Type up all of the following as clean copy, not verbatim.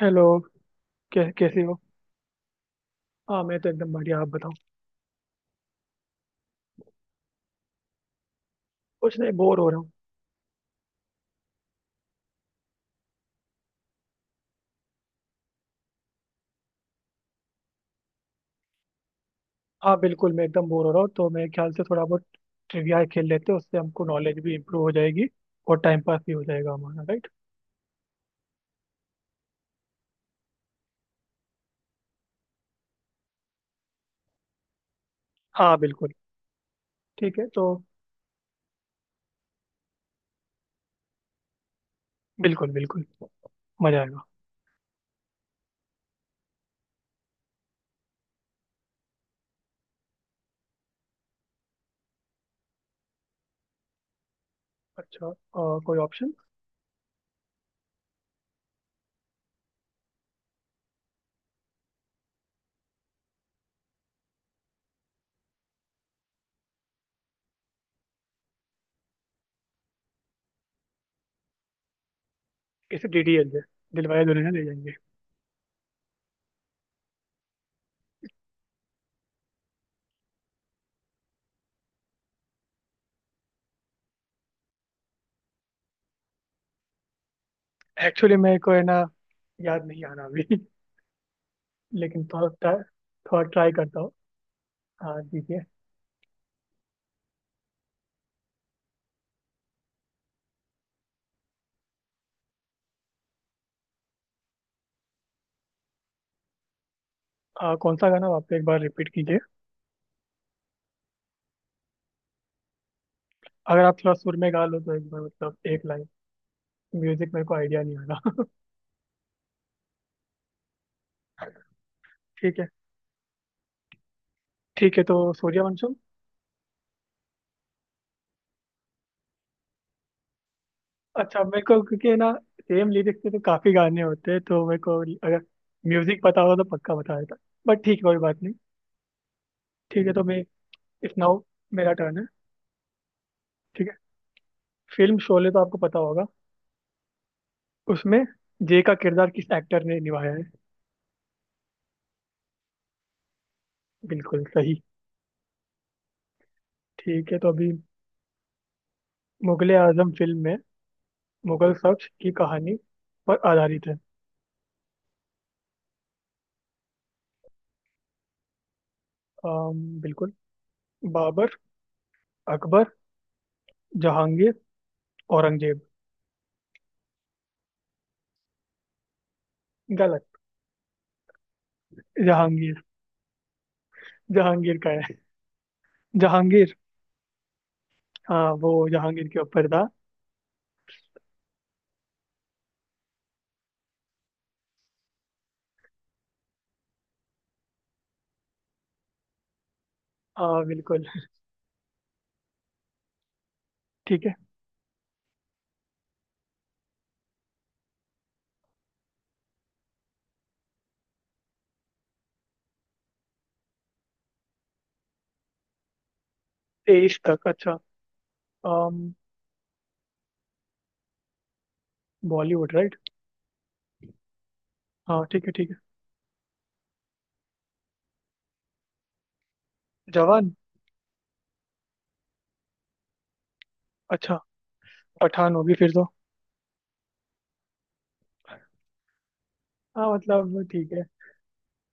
Hello. कैसे हो। हाँ मैं तो एकदम बढ़िया, आप बताओ। कुछ नहीं, बोर हो रहा हूँ। हाँ बिल्कुल, मैं एकदम बोर हो रहा हूँ तो मेरे ख्याल से थोड़ा बहुत ट्रिविया खेल लेते हैं। उससे हमको नॉलेज भी इम्प्रूव हो जाएगी और टाइम पास भी हो जाएगा हमारा, राइट। हाँ बिल्कुल। ठीक है तो। बिल्कुल बिल्कुल। मजा आएगा। अच्छा। कोई ऑप्शन। इसे डीडीएल दे, दिलवाले दुल्हनिया ले जाएंगे। एक्चुअली मेरे को है ना, याद नहीं आ रहा अभी। लेकिन थोड़ा ट्राई करता हूँ। हाँ ठीक है। कौन सा गाना आप एक बार रिपीट कीजिए। अगर आप थोड़ा सुर में गा लो तो एक बार, मतलब एक लाइन। म्यूजिक मेरे को आइडिया नहीं आ रहा। ठीक है। ठीक है तो सूर्यवंशम। अच्छा मेरे को क्योंकि है ना, सेम लिरिक्स पे तो काफी गाने होते हैं तो मेरे को अगर म्यूजिक पता होगा तो पक्का बता देता। बट ठीक है, कोई बात नहीं। ठीक है तो मैं। इस नाउ मेरा टर्न है। ठीक है। फिल्म शोले तो आपको पता होगा। उसमें जय का किरदार किस एक्टर ने निभाया है। बिल्कुल सही। ठीक है तो अभी, मुगले आजम फिल्म में, मुगल शख्स की कहानी पर आधारित है। बिल्कुल। बाबर, अकबर, जहांगीर, औरंगजेब। गलत। जहांगीर। जहांगीर का है। जहांगीर। हाँ वो जहांगीर के ऊपर था। हाँ बिल्कुल। ठीक है। तेईस तक, अच्छा। बॉलीवुड, राइट। हाँ ठीक है ठीक है। जवान। अच्छा, पठान होगी फिर तो। हाँ मतलब ठीक है।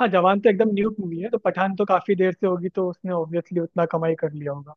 हाँ जवान तो एकदम न्यू मूवी है तो पठान तो काफी देर से होगी तो उसने ऑब्वियसली उतना कमाई कर लिया होगा।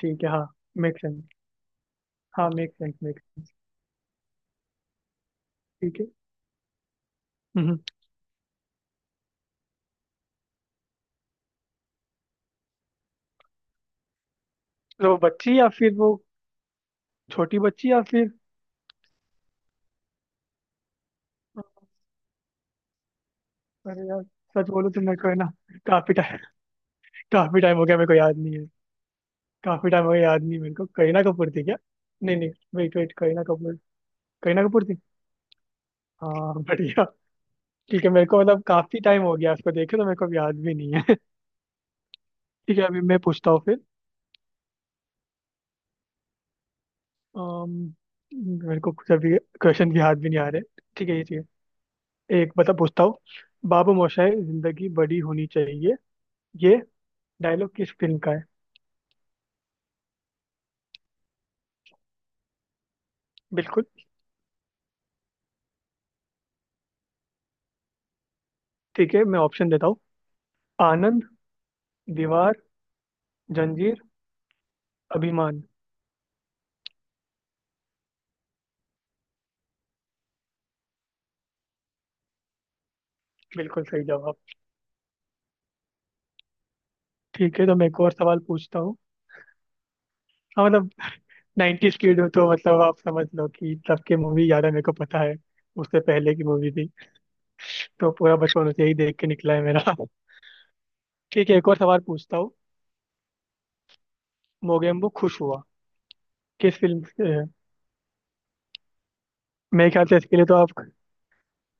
ठीक है हाँ। Make sense. हाँ मेक सेंस, मेक ठीक है। हम्म। तो वो बच्ची या फिर वो, छोटी बच्ची या फिर। अरे यार। सच बोलो तो मेरे को है ना, काफी टाइम काफी टाइम हो गया, मेरे को याद नहीं है। काफी टाइम हो गया, याद नहीं। मेरे को करीना कपूर थी क्या। नहीं नहीं। Wait wait, Kareena Kapoor. करीना कपूर थी। हाँ बढ़िया। ठीक है, मेरे को मतलब काफी टाइम हो गया उसको देखे तो मेरे को अब याद भी नहीं है। ठीक है, अभी मैं पूछता हूँ फिर। अम, मेरे को कुछ अभी क्वेश्चन भी याद भी नहीं आ रहे। ठीक है, ये ठीक है एक बता पूछता हूँ। बाबू मोशाय, जिंदगी बड़ी होनी चाहिए, ये डायलॉग किस फिल्म का है। बिल्कुल। ठीक है, मैं ऑप्शन देता हूँ। आनंद, दीवार, जंजीर, अभिमान। बिल्कुल सही जवाब। ठीक है तो मैं एक और सवाल पूछता हूँ। हाँ मतलब, 90s किड हो तो मतलब आप समझ लो कि तब की मूवी याद है, मेरे को पता है। उससे पहले की मूवी थी तो पूरा बचपन उसे ही देख के निकला है मेरा। ठीक है, एक और सवाल पूछता हूँ। मोगेम्बो खुश हुआ, किस फिल्म से है? मेरे ख्याल से इसके लिए तो आप,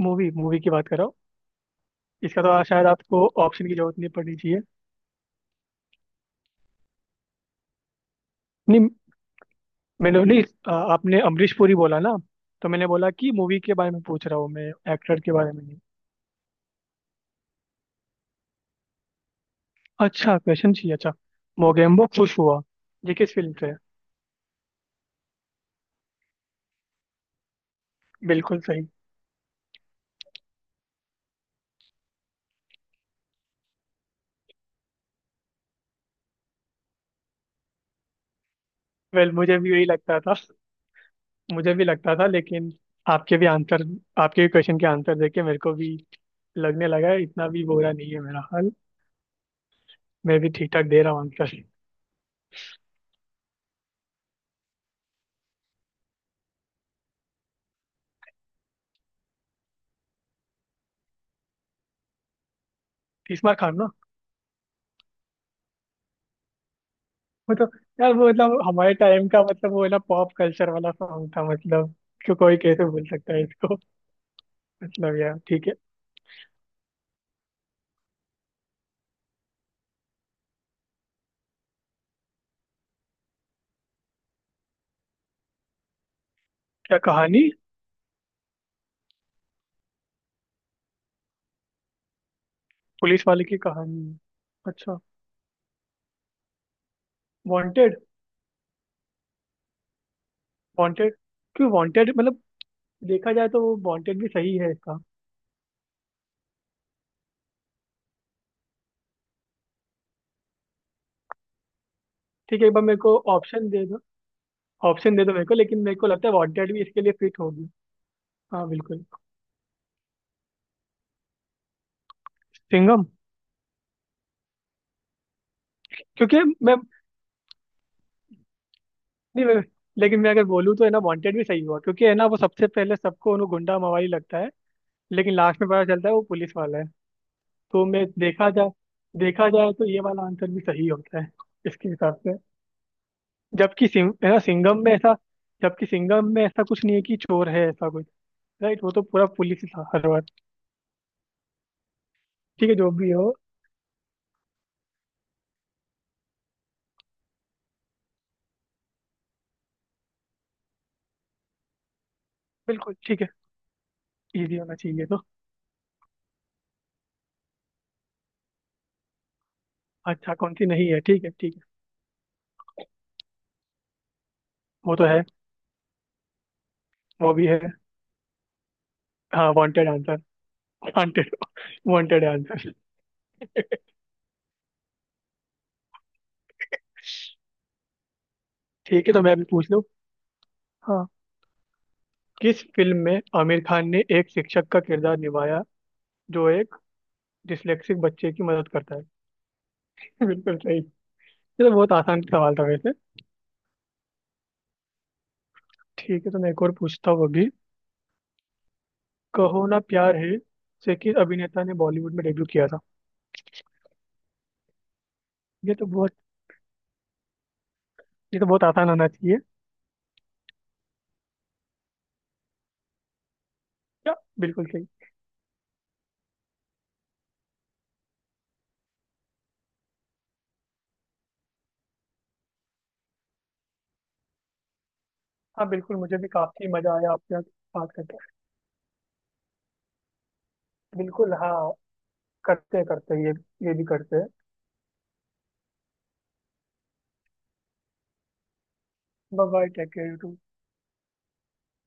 मूवी मूवी की बात करो। इसका तो शायद आपको ऑप्शन की जरूरत नहीं पड़नी चाहिए। नहीं, मैंने नहीं। आपने अमरीश पुरी बोला ना, तो मैंने बोला कि मूवी के बारे में पूछ रहा हूँ मैं, एक्टर के बारे में। अच्छा क्वेश्चन चाहिए, अच्छा। मोगेम्बो खुश हुआ, ये किस फिल्म से है। बिल्कुल सही। वेल, मुझे भी यही लगता था। मुझे भी लगता था लेकिन आपके भी आंसर, आपके भी क्वेश्चन के आंसर देके मेरे को भी लगने लगा है, इतना भी बुरा नहीं है मेरा हाल। मैं भी ठीक ठाक दे रहा हूँ आंसर। तीसरा खान ना। वो तो यार, वो मतलब हमारे टाइम का, मतलब वो है ना पॉप कल्चर वाला सॉन्ग था मतलब। क्यों, कोई कैसे भूल सकता है इसको। मतलब यार ठीक है। क्या कहानी? पुलिस वाले की कहानी, अच्छा। वांटेड। वांटेड। क्यों वांटेड मतलब, देखा जाए तो वो वांटेड भी सही है इसका। ठीक है, एक बार मेरे को ऑप्शन दे दो। ऑप्शन दे दो मेरे को, लेकिन मेरे को लगता है वांटेड भी इसके लिए फिट होगी। हाँ बिल्कुल। सिंघम। क्योंकि मैं नहीं मैं, लेकिन मैं अगर बोलूँ तो है ना, वांटेड भी सही हुआ क्योंकि है ना वो सबसे पहले सबको उन्हें गुंडा मवाली लगता है, लेकिन लास्ट में पता चलता है वो पुलिस वाला है। तो मैं, देखा जाए तो ये वाला आंसर भी सही होता है इसके हिसाब से। जबकि सिंह है ना सिंघम में ऐसा, जबकि सिंघम में ऐसा कुछ नहीं है कि चोर है ऐसा कुछ। राइट, वो तो पूरा पुलिस ही था हर बार। ठीक है जो भी हो। बिल्कुल ठीक है, इजी होना चाहिए तो। अच्छा कौन सी नहीं है, ठीक है ठीक है। वो तो है। वो भी है। हाँ Wanted answer. Wanted. Wanted answer. ठीक है तो मैं भी पूछ लूँ। हाँ। किस फिल्म में आमिर खान ने एक शिक्षक का किरदार निभाया, जो एक डिस्लेक्सिक बच्चे की मदद करता है। बिल्कुल सही। ये तो बहुत आसान सवाल था वैसे। ठीक है तो मैं एक और पूछता हूँ अभी। कहो ना प्यार है से किस अभिनेता ने बॉलीवुड में डेब्यू किया था। ये तो बहुत ये तो बहुत आसान होना चाहिए। क्या? बिल्कुल सही। हाँ बिल्कुल, मुझे भी काफी मजा आया आपसे बात करके। बिल्कुल हाँ। करते हैं ये भी करते हैं। Bye bye, take care you.